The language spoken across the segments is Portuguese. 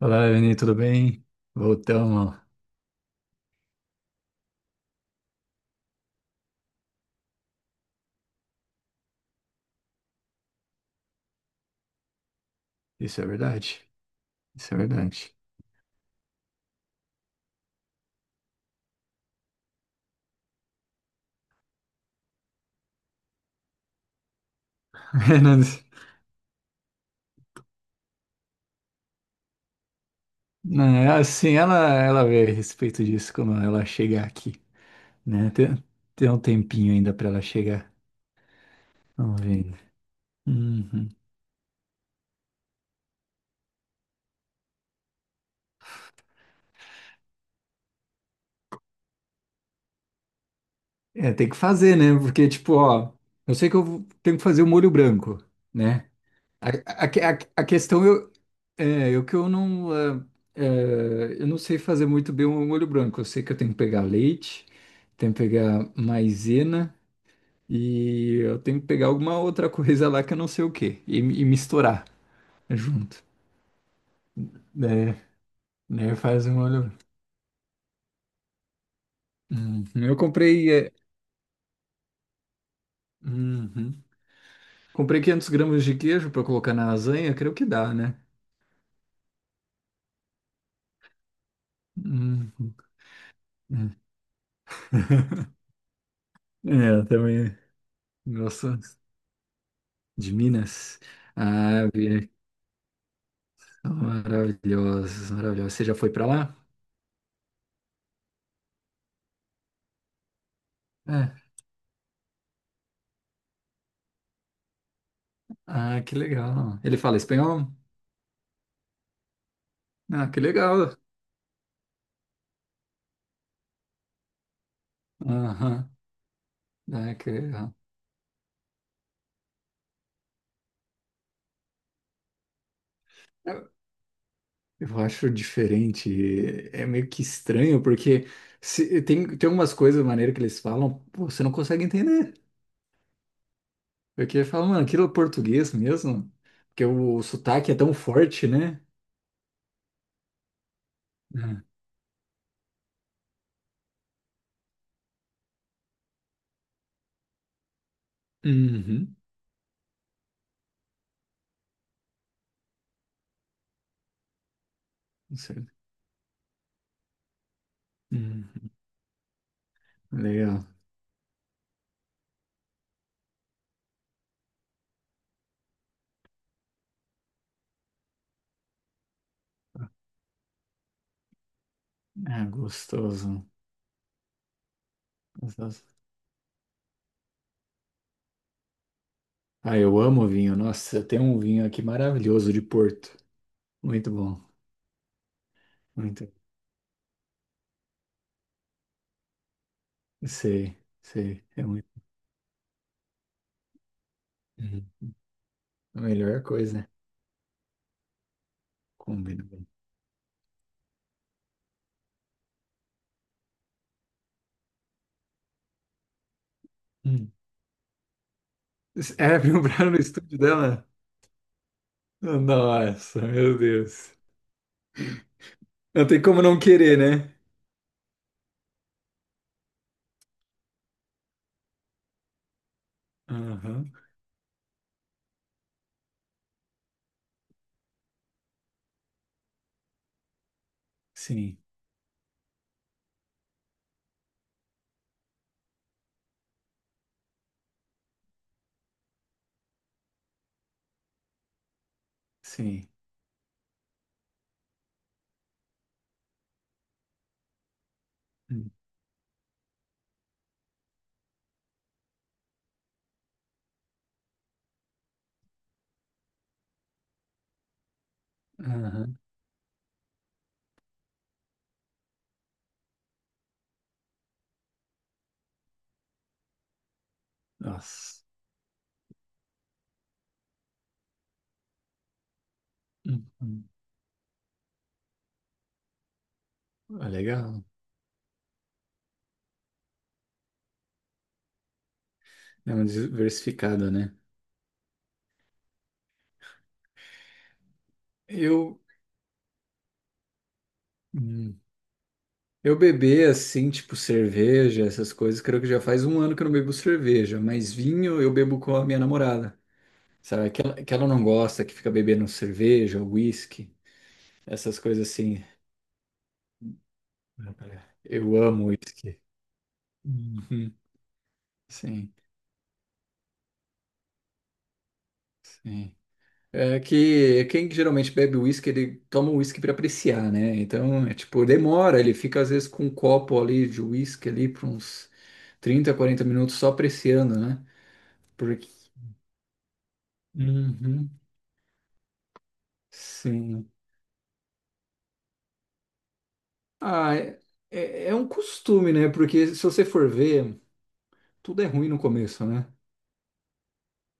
Olá, Evni, tudo bem? Voltamos. Isso é verdade? Isso é verdade. Não, não, é assim, ela vê a respeito disso, como ela chegar aqui, né? Tem um tempinho ainda para ela chegar. Vamos ver. Uhum. É, tem que fazer, né? Porque, tipo, ó, eu sei que tenho que fazer o molho branco, né? A questão eu, é, eu que eu não, é, é, eu não sei fazer muito bem o molho branco. Eu sei que eu tenho que pegar leite, tenho que pegar maisena. E eu tenho que pegar alguma outra coisa lá que eu não sei o que e misturar junto. Daí, daí faz um olho. Eu comprei. Uhum. Comprei 500 gramas de queijo para colocar na lasanha, creio que dá, né? Uhum. É, eu também gosto de Minas. Ah, vi. Maravilhosa, maravilhosa. Você já foi para lá? É. Ah, que legal. Ele fala espanhol? Ah, que legal. Aham. Ah, que legal. Eu acho diferente, é meio que estranho, porque tem algumas coisas, da maneira que eles falam, pô, você não consegue entender. Porque fala, mano, aquilo é português mesmo? Porque o sotaque é tão forte, né? Hum. Uhum. Não sei. Hum. Legal. Ah, gostoso. Gostoso. Ah, eu amo vinho. Nossa, tem um vinho aqui maravilhoso de Porto. Muito bom. Muito. Sei, sei. É muito. Uhum. A melhor coisa. Combina bem. Hum. É, vibraram no estúdio dela? Nossa, meu Deus. Não tem como não querer, né? Aham. Sim, sim. Hum. Aham. Nossa. Uhum. Ah, legal. É um diversificado, né? Eu, hum, eu beber assim, tipo cerveja, essas coisas, creio que já faz um ano que eu não bebo cerveja, mas vinho eu bebo com a minha namorada. Sabe? Que ela não gosta, que fica bebendo cerveja, uísque, essas coisas assim. Eu amo uísque. Uhum. Sim, sim. É que quem geralmente bebe uísque, ele toma o uísque para apreciar, né? Então, é tipo, demora, ele fica às vezes com um copo ali de uísque ali por uns 30, 40 minutos só apreciando, né? Porque... Uhum. Sim. Ah, é, é um costume, né? Porque se você for ver, tudo é ruim no começo, né?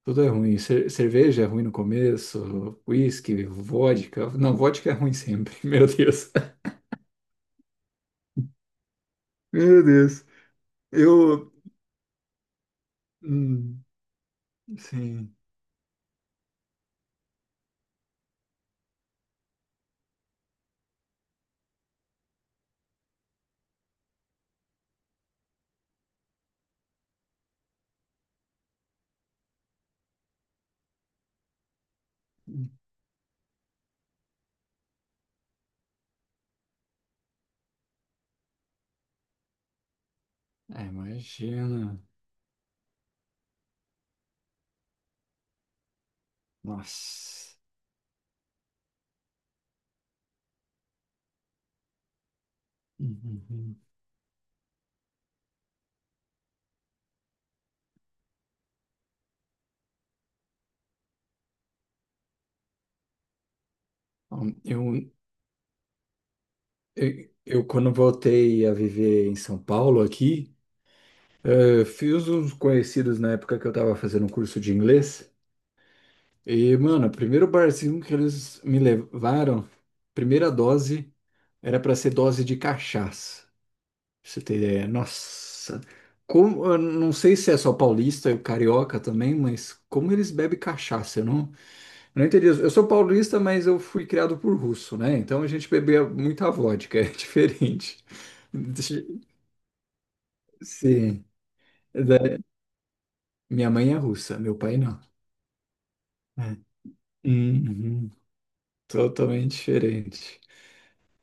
Tudo é ruim. Cerveja é ruim no começo, uísque, vodka. Não, vodka é ruim sempre, meu Deus. Meu Deus. Eu, hum, sim. É, imagina. Nossa. Uhum. Bom, eu, eu, quando voltei a viver em São Paulo aqui, fiz uns conhecidos na época que eu tava fazendo um curso de inglês. E, mano, o primeiro barzinho que eles me levaram, primeira dose, era pra ser dose de cachaça. Pra você ter ideia. Nossa. Como, eu não sei se é só paulista e carioca também, mas como eles bebem cachaça, eu não eu não entendi isso. Eu sou paulista, mas eu fui criado por russo, né? Então a gente bebia muita vodka, é diferente. Sim. Da- Minha mãe é russa, meu pai não. É. Uhum. Totalmente diferente.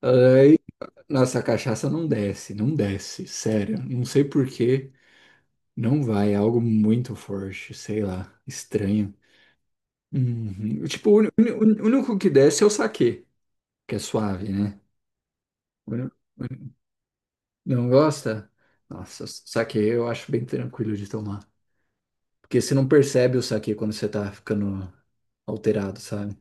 É, nossa, a cachaça não desce, não desce, sério. Não sei por que. Não vai. É algo muito forte, sei lá, estranho. Uhum. Tipo, o único que desce é o saquê, que é suave, né? Não gosta? Nossa, saque eu acho bem tranquilo de tomar. Porque você não percebe o saque quando você tá ficando alterado, sabe?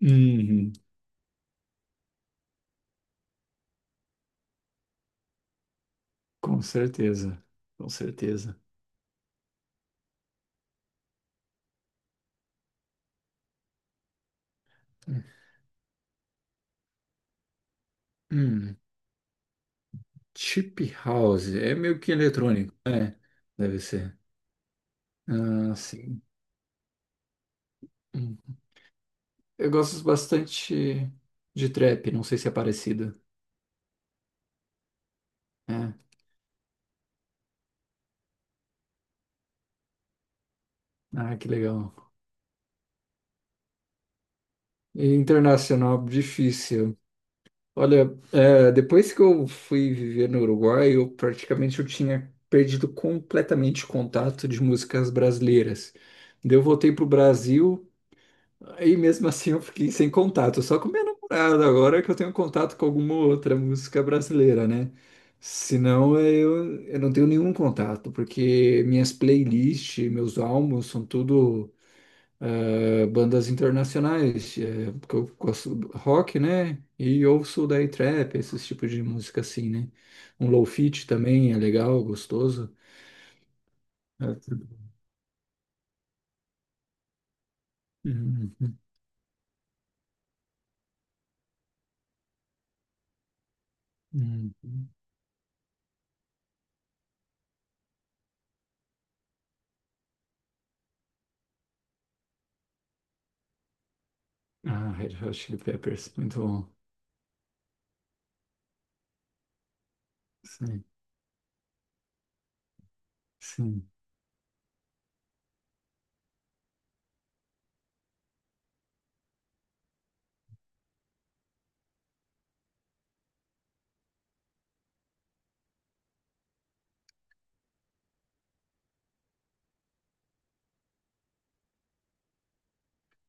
Uhum, com certeza, com certeza. Hum, chip house, é meio que eletrônico, deve ser. Ah, sim. Hum. Eu gosto bastante de trap, não sei se é parecido. É. Ah, que legal. E internacional, difícil. Olha, é, depois que eu fui viver no Uruguai, eu praticamente eu tinha perdido completamente o contato de músicas brasileiras. Daí eu voltei pro Brasil, aí mesmo assim eu fiquei sem contato, só com minha namorada agora que eu tenho contato com alguma outra música brasileira, né? Senão é, eu não tenho nenhum contato, porque minhas playlists, meus álbuns são tudo bandas internacionais, porque eu gosto do rock, né? E ouço daí trap, esses tipos de música assim, né? Um low-fi também é legal, gostoso. É, hum, hum. Ah, Red Hot Chili Peppers, muito bom. Sim, sim,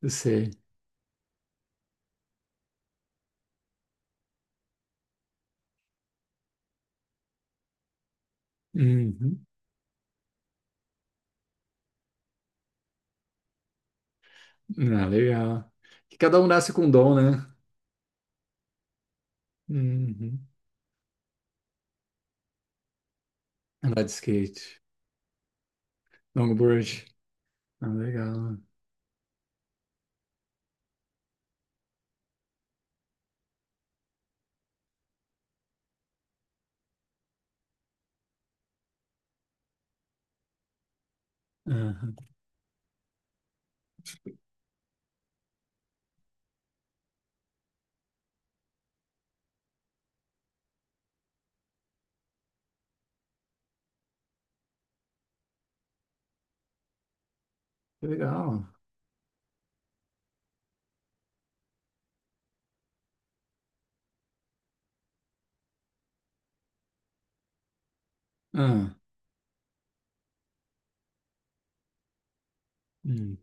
eu sei. Uhum. Ah, legal. Que cada um nasce com um dom, né? Uhum. Andar de skate, longboard. Ah, legal. Aham. Que legal. Ah, hum.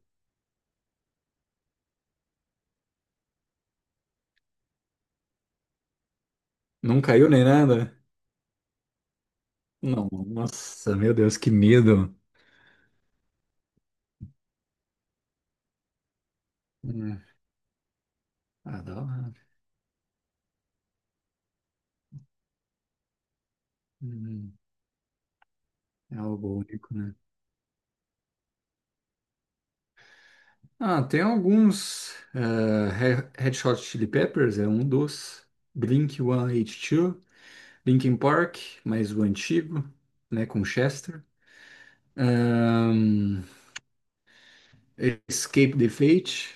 Não caiu nem nada? Nossa, meu Deus, que medo. Hum, ah, da hora. Hum, é algo único, né? Ah, tem alguns. Red Hot Chili Peppers é um dos. Blink-182, Linkin Park, mais o antigo, né, com Chester. Ahn, Escape the Fate,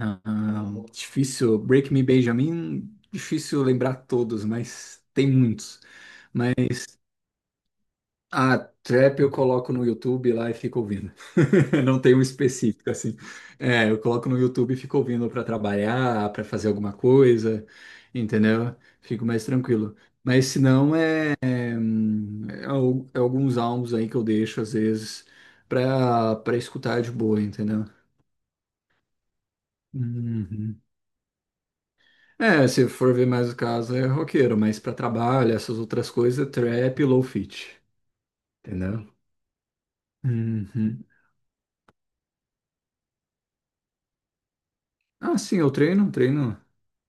difícil. Break Me Benjamin, difícil lembrar todos, mas tem muitos. A trap eu coloco no YouTube lá e fico ouvindo. Não tem um específico assim. É, eu coloco no YouTube e fico ouvindo para trabalhar, para fazer alguma coisa, entendeu? Fico mais tranquilo. Mas se não, é, é é alguns álbuns aí que eu deixo às vezes para escutar de boa, entendeu? Uhum. É, se for ver mais o caso, é roqueiro, mas para trabalho, essas outras coisas, é trap e low fit, entendeu? Uhum. Ah, sim, eu treino, treino.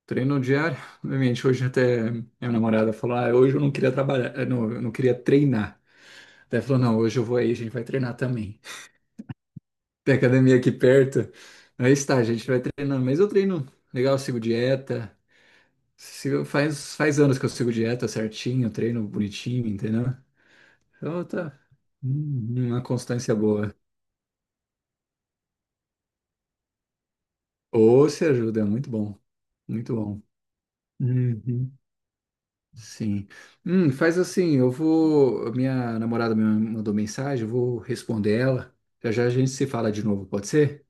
Treino diário, obviamente, hoje até minha namorada falou, ah, hoje eu não queria trabalhar, não, eu não queria treinar. Daí falou, não, hoje eu vou aí, a gente vai treinar também. Tem academia aqui perto, aí está, a gente vai treinando. Mas eu treino legal, eu sigo dieta, faz, faz anos que eu sigo dieta certinho, treino bonitinho, entendeu? Então tá, uma constância boa. Ou se ajuda, é muito bom, muito bom. Uhum. Sim. Faz assim, eu vou. A minha namorada me mandou mensagem, eu vou responder ela. Já já a gente se fala de novo, pode ser?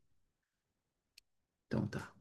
Então tá.